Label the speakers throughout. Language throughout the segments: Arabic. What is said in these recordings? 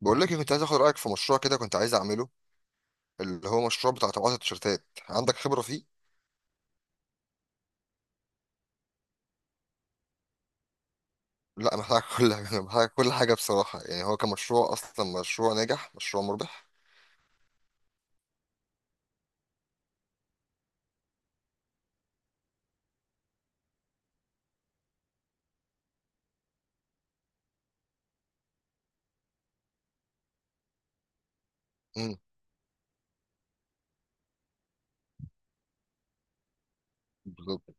Speaker 1: بقول لك إيه، كنت عايز اخد رايك في مشروع كده، كنت عايز اعمله، اللي هو مشروع بتاع طباعه التيشيرتات. عندك خبره فيه؟ لا، محتاج كل حاجه، محتاج كل حاجه بصراحه. يعني هو كمشروع اصلا مشروع ناجح، مشروع مربح. امم بالظبط.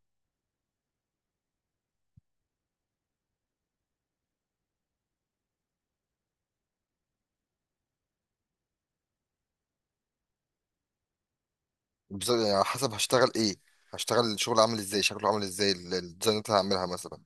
Speaker 1: بالظبط، يعني على حسب هشتغل ايه، هشتغل الشغل عامل ازاي، شكله عامل ازاي، الديزاينات اللي هعملها مثلا.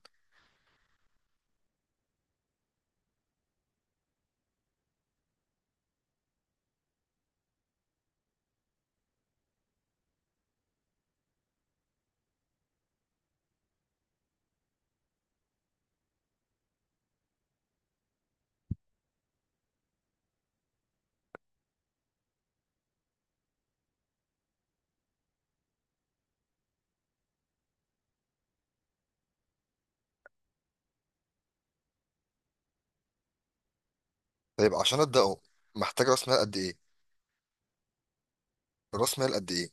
Speaker 1: طيب عشان ابداه، محتاج راس مال قد ايه؟ راس مال قد ايه؟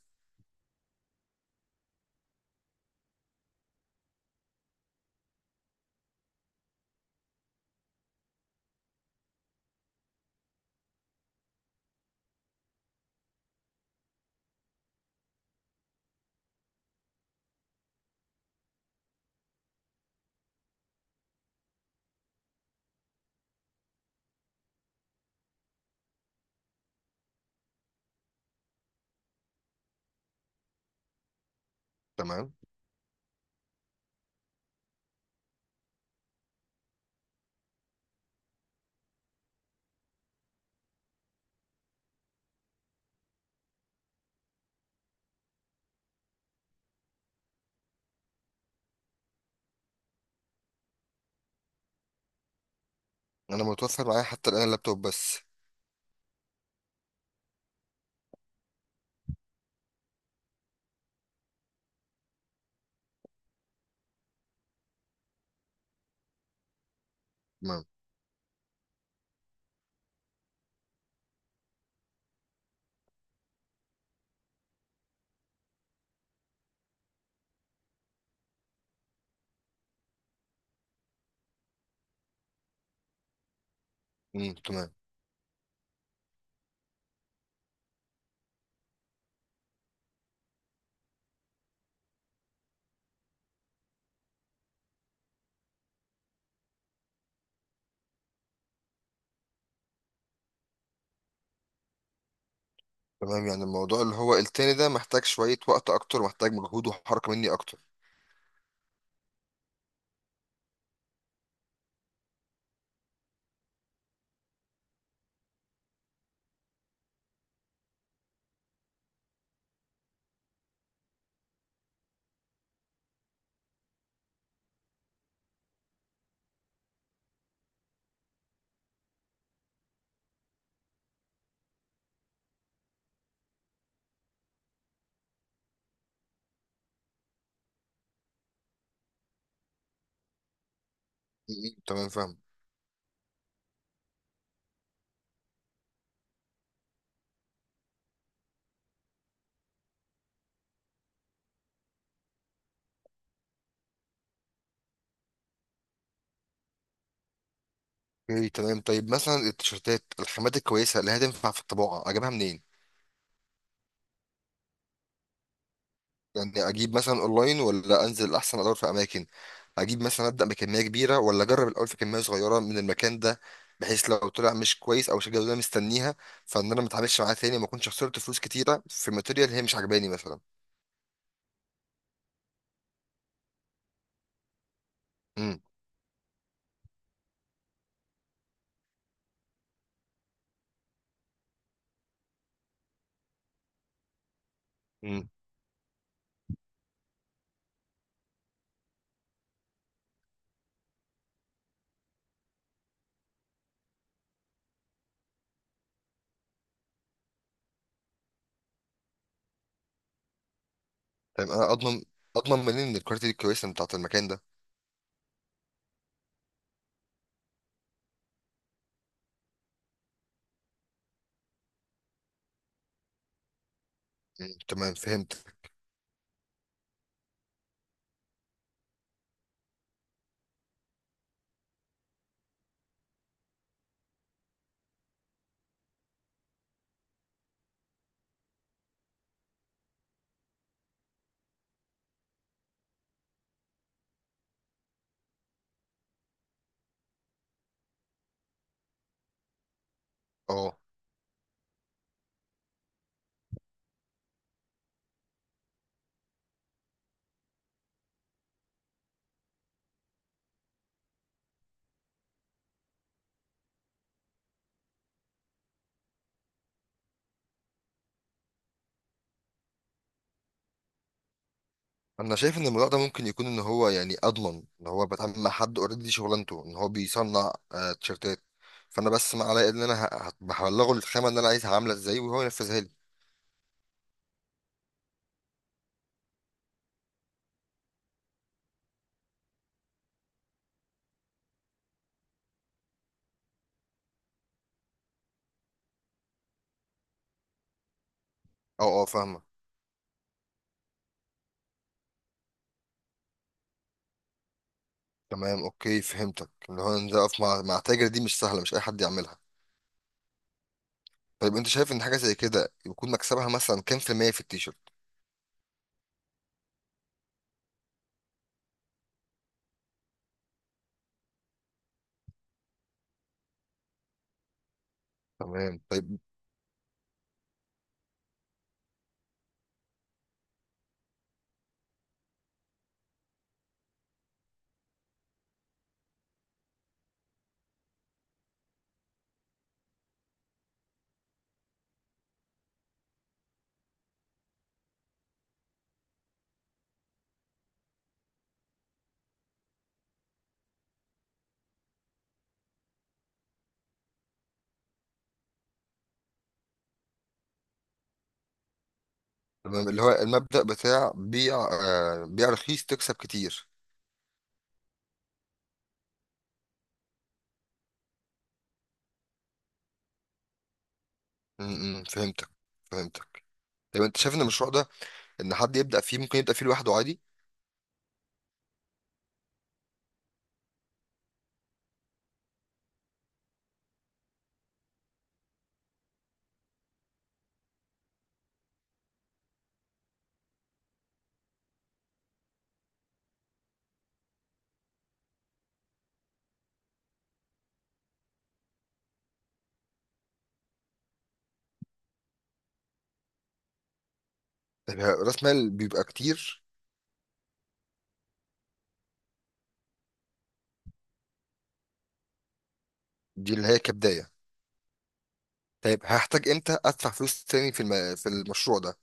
Speaker 1: تمام. انا متوفر معايا حتى الان اللابتوب بس. تمام. تمام. تمام، يعني الموضوع اللي هو التاني ده محتاج شويه وقت اكتر، محتاج مجهود وحركه مني اكتر. م- م. تمام، فاهم. اوكي، تمام. طيب مثلا التيشيرتات، الخامات الكويسه اللي هتنفع في الطباعه اجيبها منين؟ يعني اجيب مثلا اونلاين، ولا انزل احسن ادور في اماكن؟ اجيب مثلا ابدا بكميه كبيره، ولا اجرب الاول في كميه صغيره من المكان ده، بحيث لو طلع مش كويس او مش الجوده اللي أنا مستنيها، فان انا ما اتعاملش معاه تاني، ما اكونش خسرت فلوس كتيره في ماتيريال هي مش عجباني مثلا. امم امم طيب انا اضمن منين ان الكواليتي دي كويسه بتاعت المكان ده؟ مم. تمام، فهمت. اه. انا شايف ان الموضوع ده ممكن يكون ان هو يعني اضمن، ان هو بتعامل مع حد اوريدي شغلانته ان هو بيصنع تيشيرتات. فانا بس ما عليا ان انا هبلغه الخامه اللي انا عايزها عامله ازاي، وهو ينفذها لي. اه، اه، فاهمه. تمام، اوكي، فهمتك. ان هو ان ده اقف مع تاجر دي مش سهله، مش اي حد يعملها. طيب انت شايف ان حاجه زي كده يكون مكسبها مثلا كام في المية في التيشيرت؟ تمام، طيب. تمام، اللي هو المبدأ بتاع بيع، بيع رخيص تكسب كتير. م- م، فهمتك. فهمتك. طيب انت شايف ان المشروع ده، ان حد يبدأ فيه، ممكن يبدأ فيه لوحده عادي؟ طيب راس مال بيبقى كتير؟ دي اللي هي كبداية؟ طيب هحتاج امتى ادفع فلوس تاني في في المشروع ده؟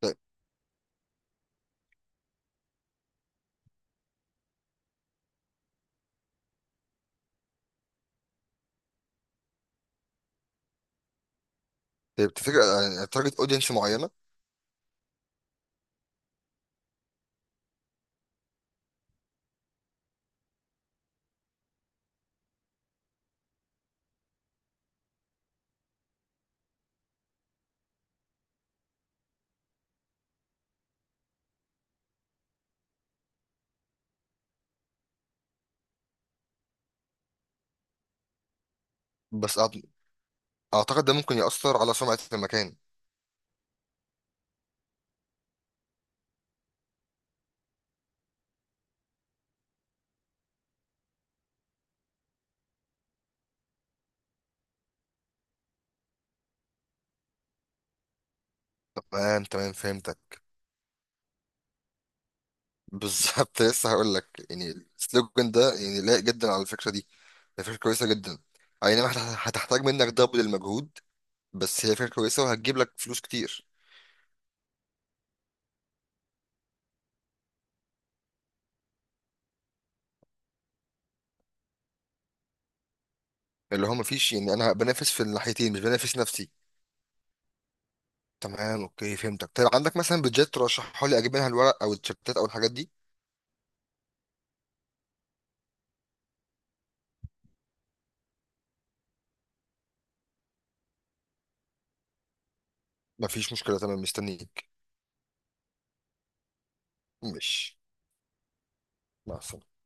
Speaker 1: طيب. طيب تفتكر يعني تارجت اودينس معينة؟ بس أعت- اعتقد ده ممكن يأثر على سمعة المكان. تمام، تمام، فهمتك. بالظبط لسه هقول لك يعني السلوجن ده يعني لايق جدا على الفكرة دي. هي فكرة كويسة جدا. اي نعم، هتحتاج منك دبل المجهود، بس هي فكرة كويسة وهتجيب لك فلوس كتير. اللي هو مفيش، يعني انا بنافس في الناحيتين مش بنافس نفسي. تمام، اوكي، فهمتك. طيب عندك مثلا بيدجات ترشحها لي اجيب منها الورق او التيشيرتات او الحاجات دي؟ مفيش مشكله، تمام، مستنيك. مش مع السلامه.